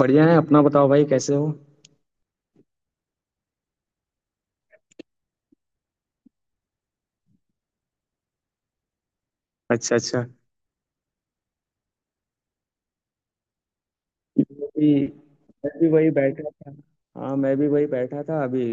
बढ़िया है। अपना बताओ भाई, कैसे हो? अच्छा अच्छा। मैं भी मैं भी वही बैठा था। हाँ, मैं भी वही बैठा था। अभी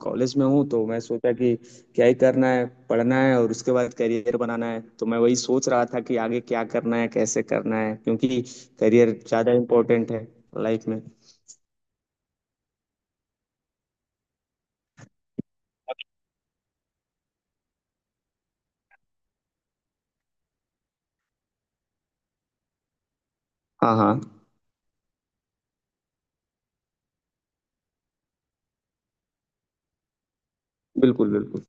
कॉलेज में हूँ तो मैं सोचा कि क्या ही करना है, पढ़ना है और उसके बाद करियर बनाना है। तो मैं वही सोच रहा था कि आगे क्या करना है, कैसे करना है, क्योंकि करियर ज़्यादा इम्पोर्टेंट है लाइफ में। हाँ हाँ। बिल्कुल बिल्कुल।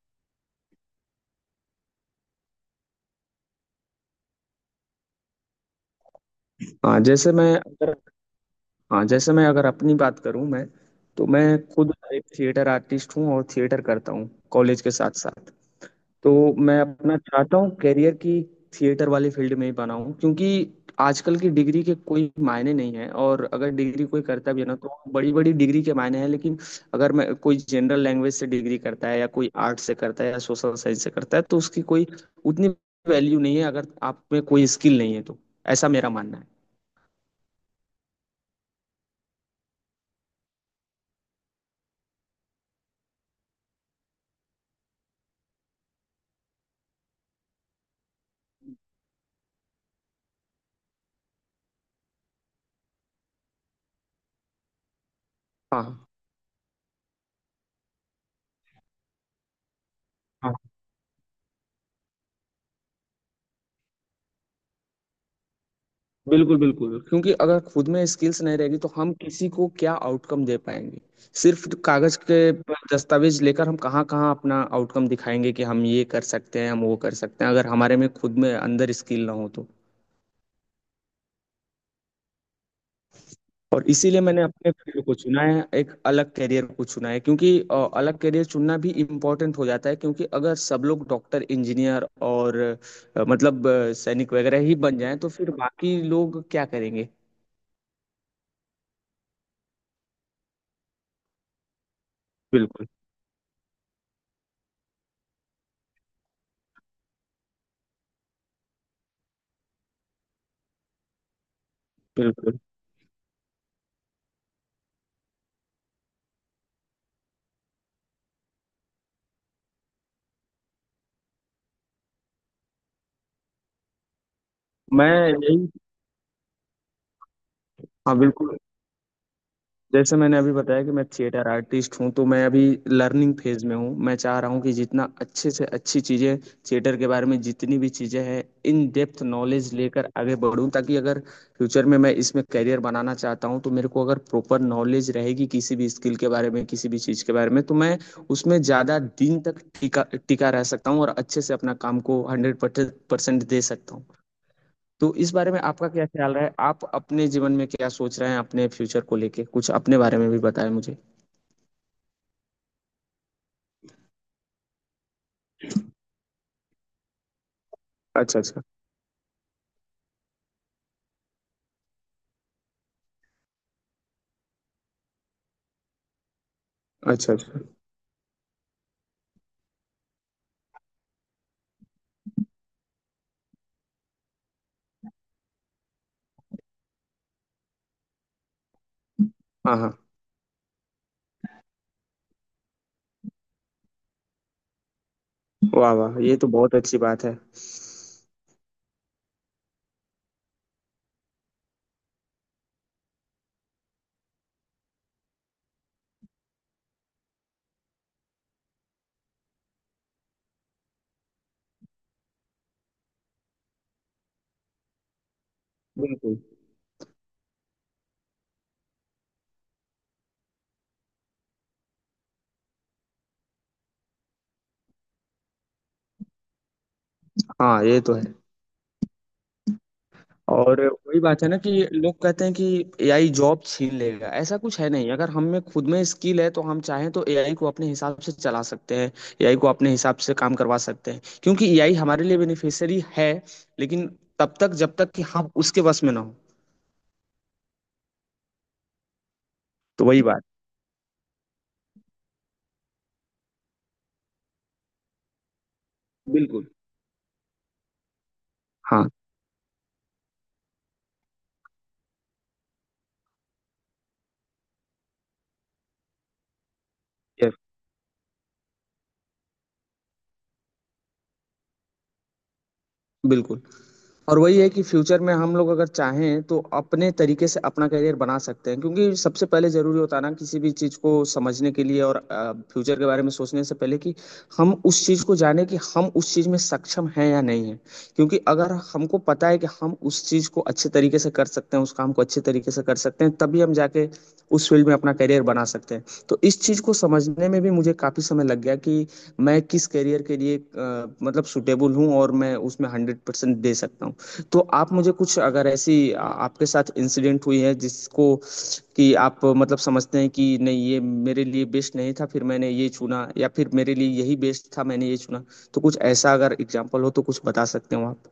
हाँ जैसे मैं अगर हाँ, जैसे मैं अगर अपनी बात करूँ, मैं तो मैं खुद एक थिएटर आर्टिस्ट हूँ और थिएटर करता हूँ कॉलेज के साथ साथ। तो मैं अपना चाहता हूँ कैरियर की थिएटर वाले फील्ड में ही बनाऊँ, क्योंकि आजकल की डिग्री के कोई मायने नहीं है। और अगर डिग्री कोई करता भी है ना तो बड़ी बड़ी डिग्री के मायने हैं, लेकिन अगर मैं कोई जनरल लैंग्वेज से डिग्री करता है या कोई आर्ट से करता है या सोशल साइंस से करता है तो उसकी कोई उतनी वैल्यू नहीं है, अगर आप में कोई स्किल नहीं है तो। ऐसा मेरा मानना है। हाँ हाँ। बिल्कुल बिल्कुल, क्योंकि अगर खुद में स्किल्स नहीं रहेगी तो हम किसी को क्या आउटकम दे पाएंगे। सिर्फ कागज के दस्तावेज लेकर हम कहाँ कहाँ अपना आउटकम दिखाएंगे कि हम ये कर सकते हैं, हम वो कर सकते हैं, अगर हमारे में खुद में अंदर स्किल ना हो तो। और इसीलिए मैंने अपने फील्ड को चुना है, एक अलग करियर को चुना है, क्योंकि अलग करियर चुनना भी इम्पोर्टेंट हो जाता है, क्योंकि अगर सब लोग डॉक्टर इंजीनियर और मतलब सैनिक वगैरह ही बन जाएं तो फिर बाकी लोग क्या करेंगे। बिल्कुल बिल्कुल। मैं यही हाँ बिल्कुल। जैसे मैंने अभी बताया कि मैं थिएटर आर्टिस्ट हूँ तो मैं अभी लर्निंग फेज में हूँ। मैं चाह रहा हूँ कि जितना अच्छे से अच्छी चीज़ें, थिएटर के बारे में जितनी भी चीज़ें हैं, इन डेप्थ नॉलेज लेकर आगे बढ़ूँ, ताकि अगर फ्यूचर में मैं इसमें करियर बनाना चाहता हूँ तो मेरे को अगर प्रॉपर नॉलेज रहेगी किसी भी स्किल के बारे में, किसी भी चीज़ के बारे में, तो मैं उसमें ज़्यादा दिन तक टिका टिका रह सकता हूँ और अच्छे से अपना काम को 100% दे सकता हूँ। तो इस बारे में आपका क्या ख्याल रहा है? आप अपने जीवन में क्या सोच रहे हैं, अपने फ्यूचर को लेके? कुछ अपने बारे में भी बताएं मुझे। अच्छा अच्छा। अच्छा अच्छा। हाँ हाँ। वाह वाह, ये तो बहुत अच्छी बात है। बिल्कुल। हाँ, ये तो है। और वही बात है ना कि लोग कहते हैं कि एआई जॉब छीन लेगा, ऐसा कुछ है नहीं। अगर हम में खुद में स्किल है तो हम चाहें तो एआई को अपने हिसाब से चला सकते हैं, एआई को अपने हिसाब से काम करवा सकते हैं, क्योंकि एआई हमारे लिए बेनिफिशियरी है। लेकिन तब तक, जब तक कि हम उसके वश में ना हो। तो वही बात। बिल्कुल। हाँ। यस। बिल्कुल। और वही है कि फ्यूचर में हम लोग अगर चाहें तो अपने तरीके से अपना करियर बना सकते हैं, क्योंकि सबसे पहले जरूरी होता है ना किसी भी चीज को समझने के लिए, और फ्यूचर के बारे में सोचने से पहले, कि हम उस चीज को जाने कि हम उस चीज में सक्षम हैं या नहीं है। क्योंकि अगर हमको पता है कि हम उस चीज को अच्छे तरीके से कर सकते हैं, उस काम को अच्छे तरीके से कर सकते हैं, तभी हम जाके उस फील्ड में अपना करियर बना सकते हैं। तो इस चीज को समझने में भी मुझे काफी समय लग गया कि मैं किस करियर के लिए मतलब सुटेबल हूँ और मैं उसमें 100% दे सकता हूँ। तो आप मुझे कुछ अगर ऐसी आपके साथ इंसिडेंट हुई है जिसको कि आप मतलब समझते हैं कि नहीं, ये मेरे लिए बेस्ट नहीं था, फिर मैंने ये चुना, या फिर मेरे लिए यही बेस्ट था, मैंने ये चुना, तो कुछ ऐसा अगर एग्जाम्पल हो तो कुछ बता सकते हो आप?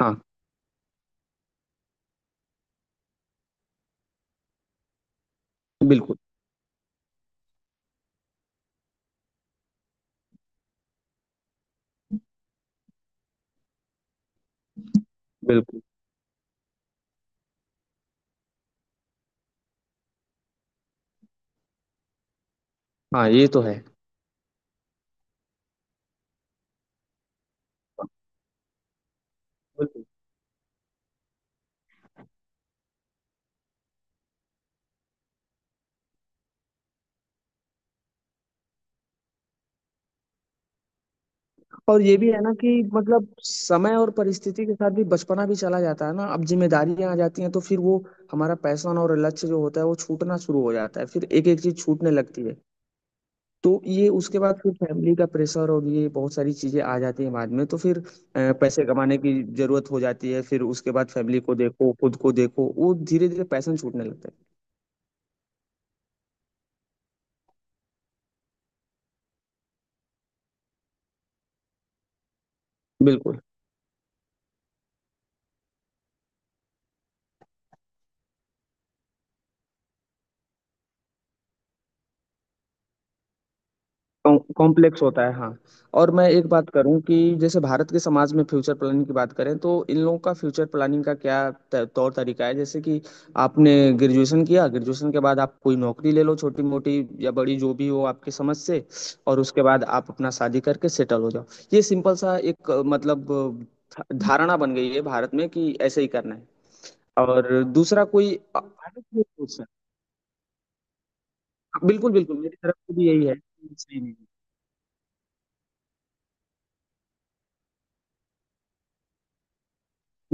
हाँ बिल्कुल। बिल्कुल। हाँ, ये तो है। बिल्कुल। और ये भी है ना कि मतलब समय और परिस्थिति के साथ भी बचपना भी चला जाता है ना, अब जिम्मेदारियां आ जाती हैं, तो फिर वो हमारा पैशन और लक्ष्य जो होता है वो छूटना शुरू हो जाता है, फिर एक एक चीज छूटने लगती है। तो ये उसके बाद फिर फैमिली का प्रेशर और ये बहुत सारी चीजें आ जाती हैं बाद में, तो फिर पैसे कमाने की जरूरत हो जाती है, फिर उसके बाद फैमिली को देखो, खुद को देखो, वो धीरे धीरे पैशन छूटने लगता है। बिल्कुल। कॉम्प्लेक्स होता है हाँ। और मैं एक बात करूं कि जैसे भारत के समाज में फ्यूचर प्लानिंग की बात करें तो इन लोगों का फ्यूचर प्लानिंग का क्या तौर तरीका है? जैसे कि आपने ग्रेजुएशन किया, ग्रेजुएशन के बाद आप कोई नौकरी ले लो, छोटी मोटी या बड़ी जो भी हो आपकी समझ से, और उसके बाद आप अपना शादी करके सेटल हो जाओ। ये सिंपल सा एक मतलब धारणा बन गई है भारत में कि ऐसे ही करना है और दूसरा कोई। बिल्कुल बिल्कुल, मेरी तरफ से भी यही है। सही नहीं।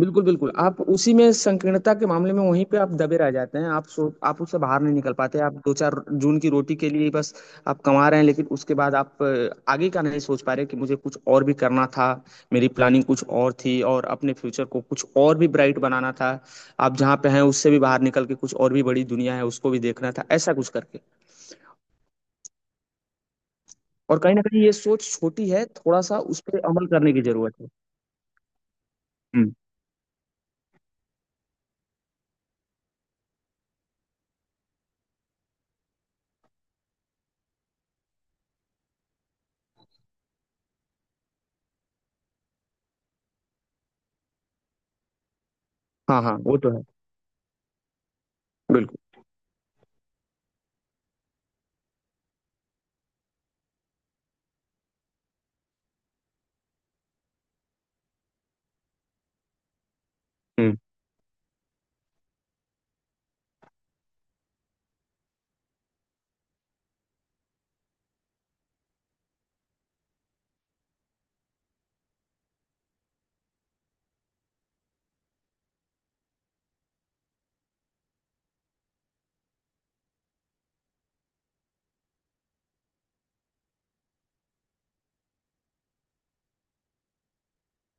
बिल्कुल बिल्कुल। आप उसी में संकीर्णता के मामले में वहीं पे आप दबे रह जाते हैं, आप सो आप उससे बाहर नहीं निकल पाते, आप दो चार जून की रोटी के लिए ही बस आप कमा रहे हैं, लेकिन उसके बाद आप आगे का नहीं सोच पा रहे कि मुझे कुछ और भी करना था, मेरी प्लानिंग कुछ और थी, और अपने फ्यूचर को कुछ और भी ब्राइट बनाना था, आप जहाँ पे हैं उससे भी बाहर निकल के कुछ और भी बड़ी दुनिया है उसको भी देखना था, ऐसा कुछ करके। और कहीं ना कहीं ये सोच छोटी है, थोड़ा सा उस पर अमल करने की जरूरत है। हम्म। हाँ हाँ, वो तो है। बिल्कुल। हम्म।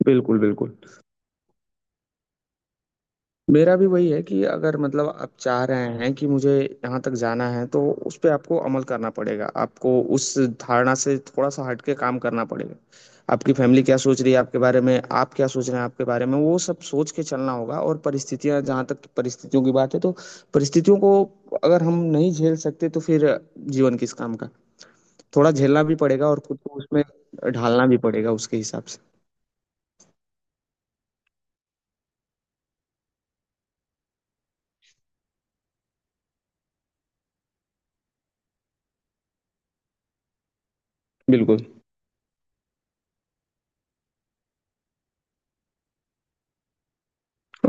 बिल्कुल बिल्कुल। मेरा भी वही है कि अगर मतलब आप चाह रहे हैं कि मुझे यहाँ तक जाना है तो उस पे आपको अमल करना पड़ेगा, आपको उस धारणा से थोड़ा सा हट के काम करना पड़ेगा। आपकी फैमिली क्या सोच रही है आपके बारे में, आप क्या सोच रहे हैं आपके बारे में, वो सब सोच के चलना होगा। और परिस्थितियां, जहाँ तक परिस्थितियों की बात है तो परिस्थितियों को अगर हम नहीं झेल सकते तो फिर जीवन किस काम का। थोड़ा झेलना भी पड़ेगा और खुद को उसमें ढालना भी पड़ेगा उसके हिसाब से। बिल्कुल।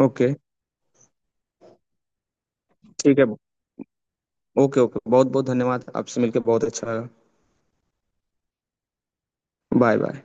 ओके, ठीक है। ओके ओके, बहुत बहुत धन्यवाद, आपसे मिलकर बहुत अच्छा लगा। Bye bye.